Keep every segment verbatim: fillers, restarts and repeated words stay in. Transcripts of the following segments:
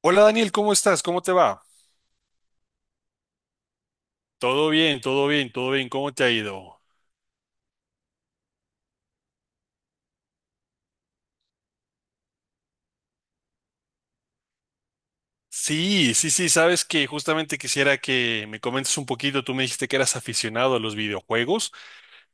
Hola, Daniel, ¿cómo estás? ¿Cómo te va? Todo bien, todo bien, todo bien. ¿Cómo te ha ido? Sí, sí, sí, sabes que justamente quisiera que me comentes un poquito. Tú me dijiste que eras aficionado a los videojuegos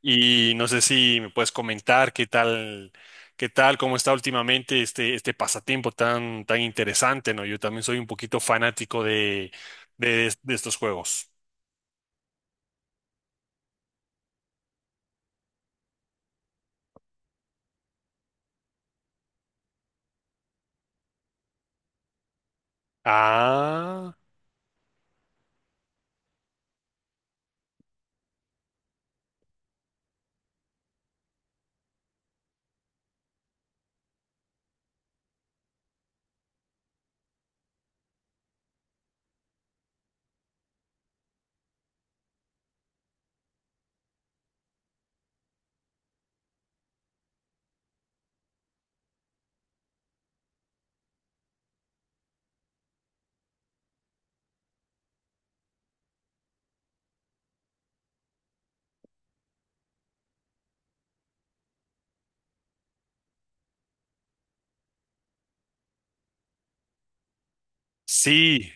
y no sé si me puedes comentar qué tal, qué tal, cómo está últimamente este, este pasatiempo tan, tan interesante, ¿no? Yo también soy un poquito fanático de, de, de estos juegos. Ah, sí.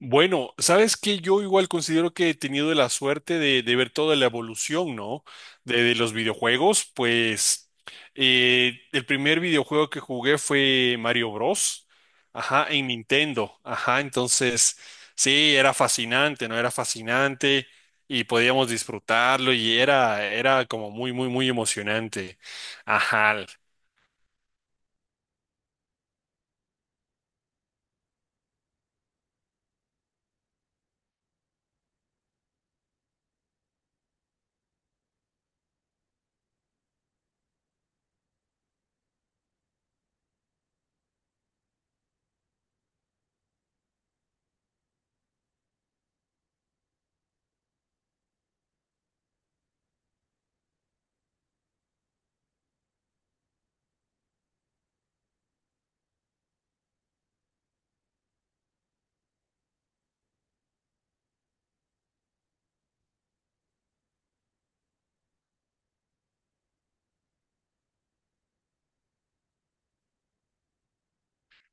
Bueno, sabes que yo igual considero que he tenido la suerte de, de ver toda la evolución, ¿no? De, de los videojuegos, pues eh, el primer videojuego que jugué fue Mario Bros. Ajá, en Nintendo. Ajá, entonces sí, era fascinante, ¿no? Era fascinante y podíamos disfrutarlo y era, era como muy, muy, muy emocionante. Ajá,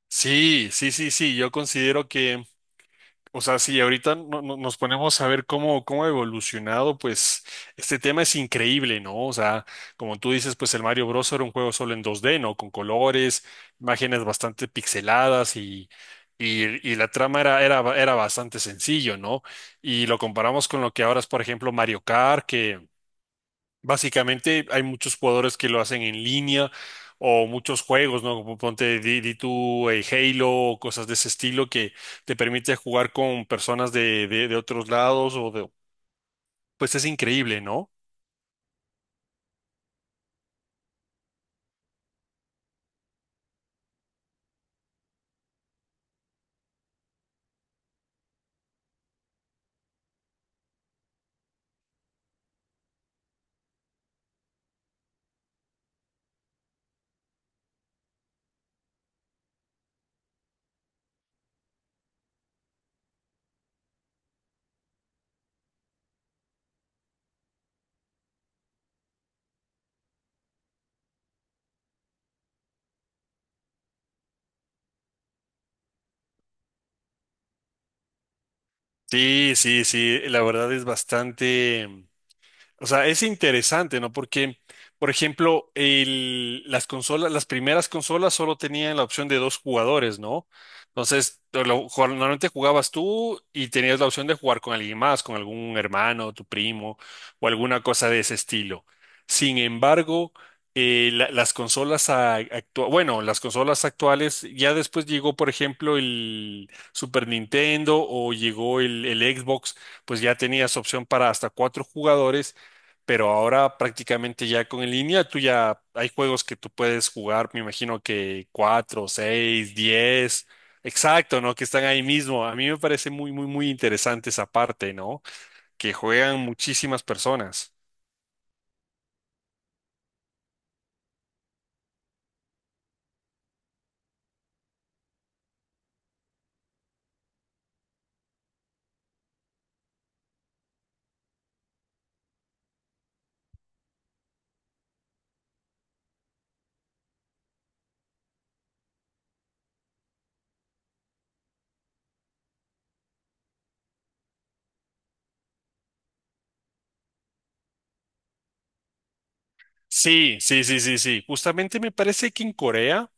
sí, sí, sí, sí, yo considero que. O sea, si ahorita no- no- nos ponemos a ver cómo, cómo ha evolucionado, pues este tema es increíble, ¿no? O sea, como tú dices, pues el Mario Bros. Era un juego solo en dos D, ¿no? Con colores, imágenes bastante pixeladas y, y, y la trama era, era, era bastante sencillo, ¿no? Y lo comparamos con lo que ahora es, por ejemplo, Mario Kart. Básicamente hay muchos jugadores que lo hacen en línea o muchos juegos, ¿no? Como Ponte di, di tú eh, Halo o cosas de ese estilo que te permite jugar con personas de, de, de otros lados o de... Pues es increíble, ¿no? Sí, sí, sí, la verdad es bastante... O sea, es interesante, ¿no? Porque, por ejemplo, el- las consolas, las primeras consolas solo tenían la opción de dos jugadores, ¿no? Entonces, lo- lo- jug- normalmente jugabas tú y tenías la opción de jugar con alguien más, con algún hermano, tu primo o alguna cosa de ese estilo. Sin embargo, eh, la- las consolas actuales, bueno, las consolas actuales, ya después llegó, por ejemplo, el Super Nintendo o llegó el el Xbox. Pues ya tenías opción para hasta cuatro jugadores, pero ahora prácticamente ya con en línea, tú ya hay juegos que tú puedes jugar, me imagino que cuatro, seis, diez. Exacto, ¿no? Que están ahí mismo. A mí me parece muy, muy, muy interesante esa parte, ¿no? Que juegan muchísimas personas. Sí, sí, sí, sí, sí. Justamente me parece que en Corea,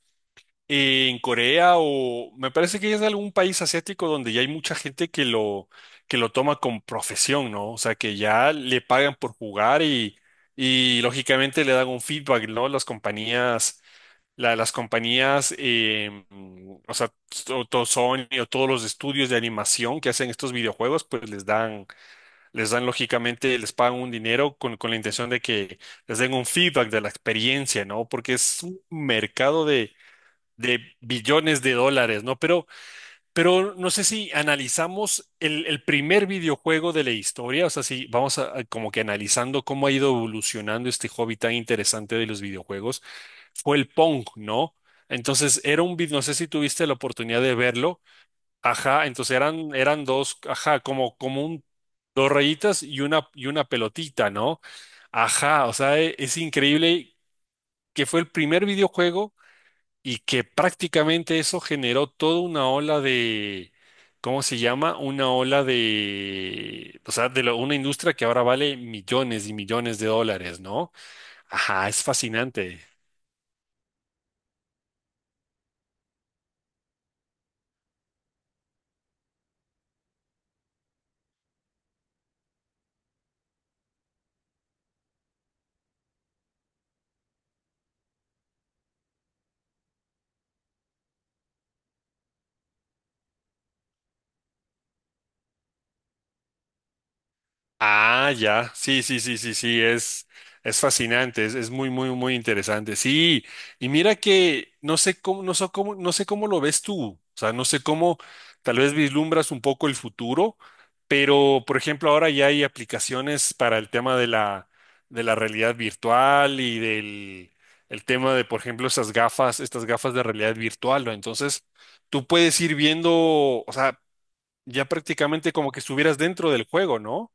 en Corea o me parece que es algún país asiático donde ya hay mucha gente que lo, que lo toma con profesión, ¿no? O sea, que ya le pagan por jugar y, y, lógicamente le dan un feedback, ¿no? Las compañías, la- las compañías, eh, o sea, to- to- Sony o todos los estudios de animación que hacen estos videojuegos, pues les dan, les dan lógicamente, les pagan un dinero con, con la intención de que les den un feedback de la experiencia, ¿no? Porque es un mercado de billones de dólares, ¿no? Pero, pero no sé si analizamos el, el primer videojuego de la historia, o sea, si vamos a, a como que analizando cómo ha ido evolucionando este hobby tan interesante de los videojuegos, fue el Pong, ¿no? Entonces era un video, no sé si tuviste la oportunidad de verlo, ajá, entonces eran, eran dos, ajá, como, como un, dos rayitas y una, y una pelotita, ¿no? Ajá, o sea, e- es increíble que fue el primer videojuego y que prácticamente eso generó toda una ola de, ¿cómo se llama? Una ola de, o sea, de lo- una industria que ahora vale millones y millones de dólares, ¿no? Ajá, es fascinante. Ah, ya, sí, sí, sí, sí, sí, es, es fascinante, es, es muy, muy, muy interesante. Sí, y mira que no sé cómo, no sé cómo, no sé cómo lo ves tú, o sea, no sé cómo tal vez vislumbras un poco el futuro, pero, por ejemplo, ahora ya hay aplicaciones para el tema de la, de la realidad virtual y del el tema de, por ejemplo, esas gafas, estas gafas de realidad virtual, ¿no? Entonces, tú puedes ir viendo, o sea, ya prácticamente como que estuvieras dentro del juego, ¿no?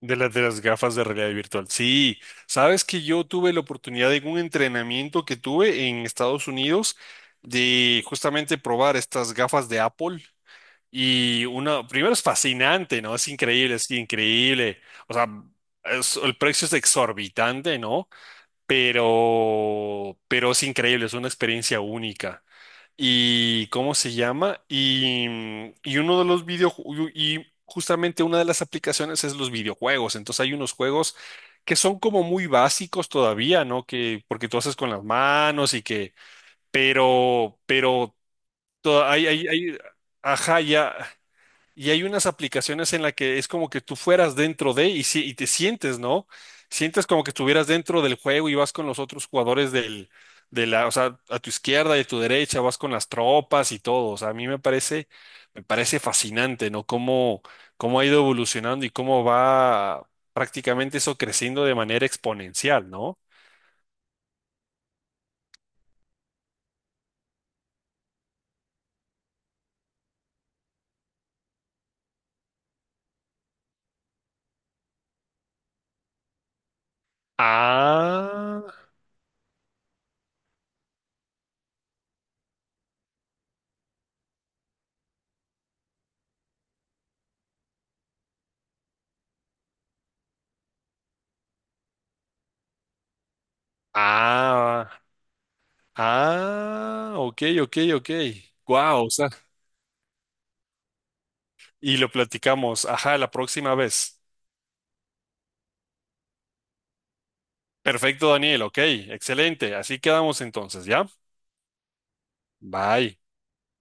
De las de las gafas de realidad virtual. Sí, sabes que yo tuve la oportunidad de un entrenamiento que tuve en Estados Unidos de justamente probar estas gafas de Apple. Y una, primero es fascinante, ¿no? Es increíble, es increíble. O sea, es- el precio es exorbitante, ¿no? pero, pero es increíble, es una experiencia única. ¿Y cómo se llama? Y, mm, y uno de los videojuegos, y justamente una de las aplicaciones es los videojuegos. Entonces hay unos juegos que son como muy básicos todavía, ¿no? Que, porque tú haces con las manos y que, pero, pero to- hay, hay, hay, ajá, ya. Y hay unas aplicaciones en las que es como que tú fueras dentro de y, si- y te sientes, ¿no? Sientes como que estuvieras dentro del juego y vas con los otros jugadores del, de la, o sea, a tu izquierda y a tu derecha, vas con las tropas y todo. O sea, a mí me parece, me parece fascinante, ¿no? Cómo, cómo ha ido evolucionando y cómo va prácticamente eso creciendo de manera exponencial, ¿no? Ah, ah, ah, ok, ok, ok. Wow, y lo platicamos. Ajá, la próxima vez. Perfecto, Daniel. Ok, excelente. Así quedamos entonces, ¿ya? Bye.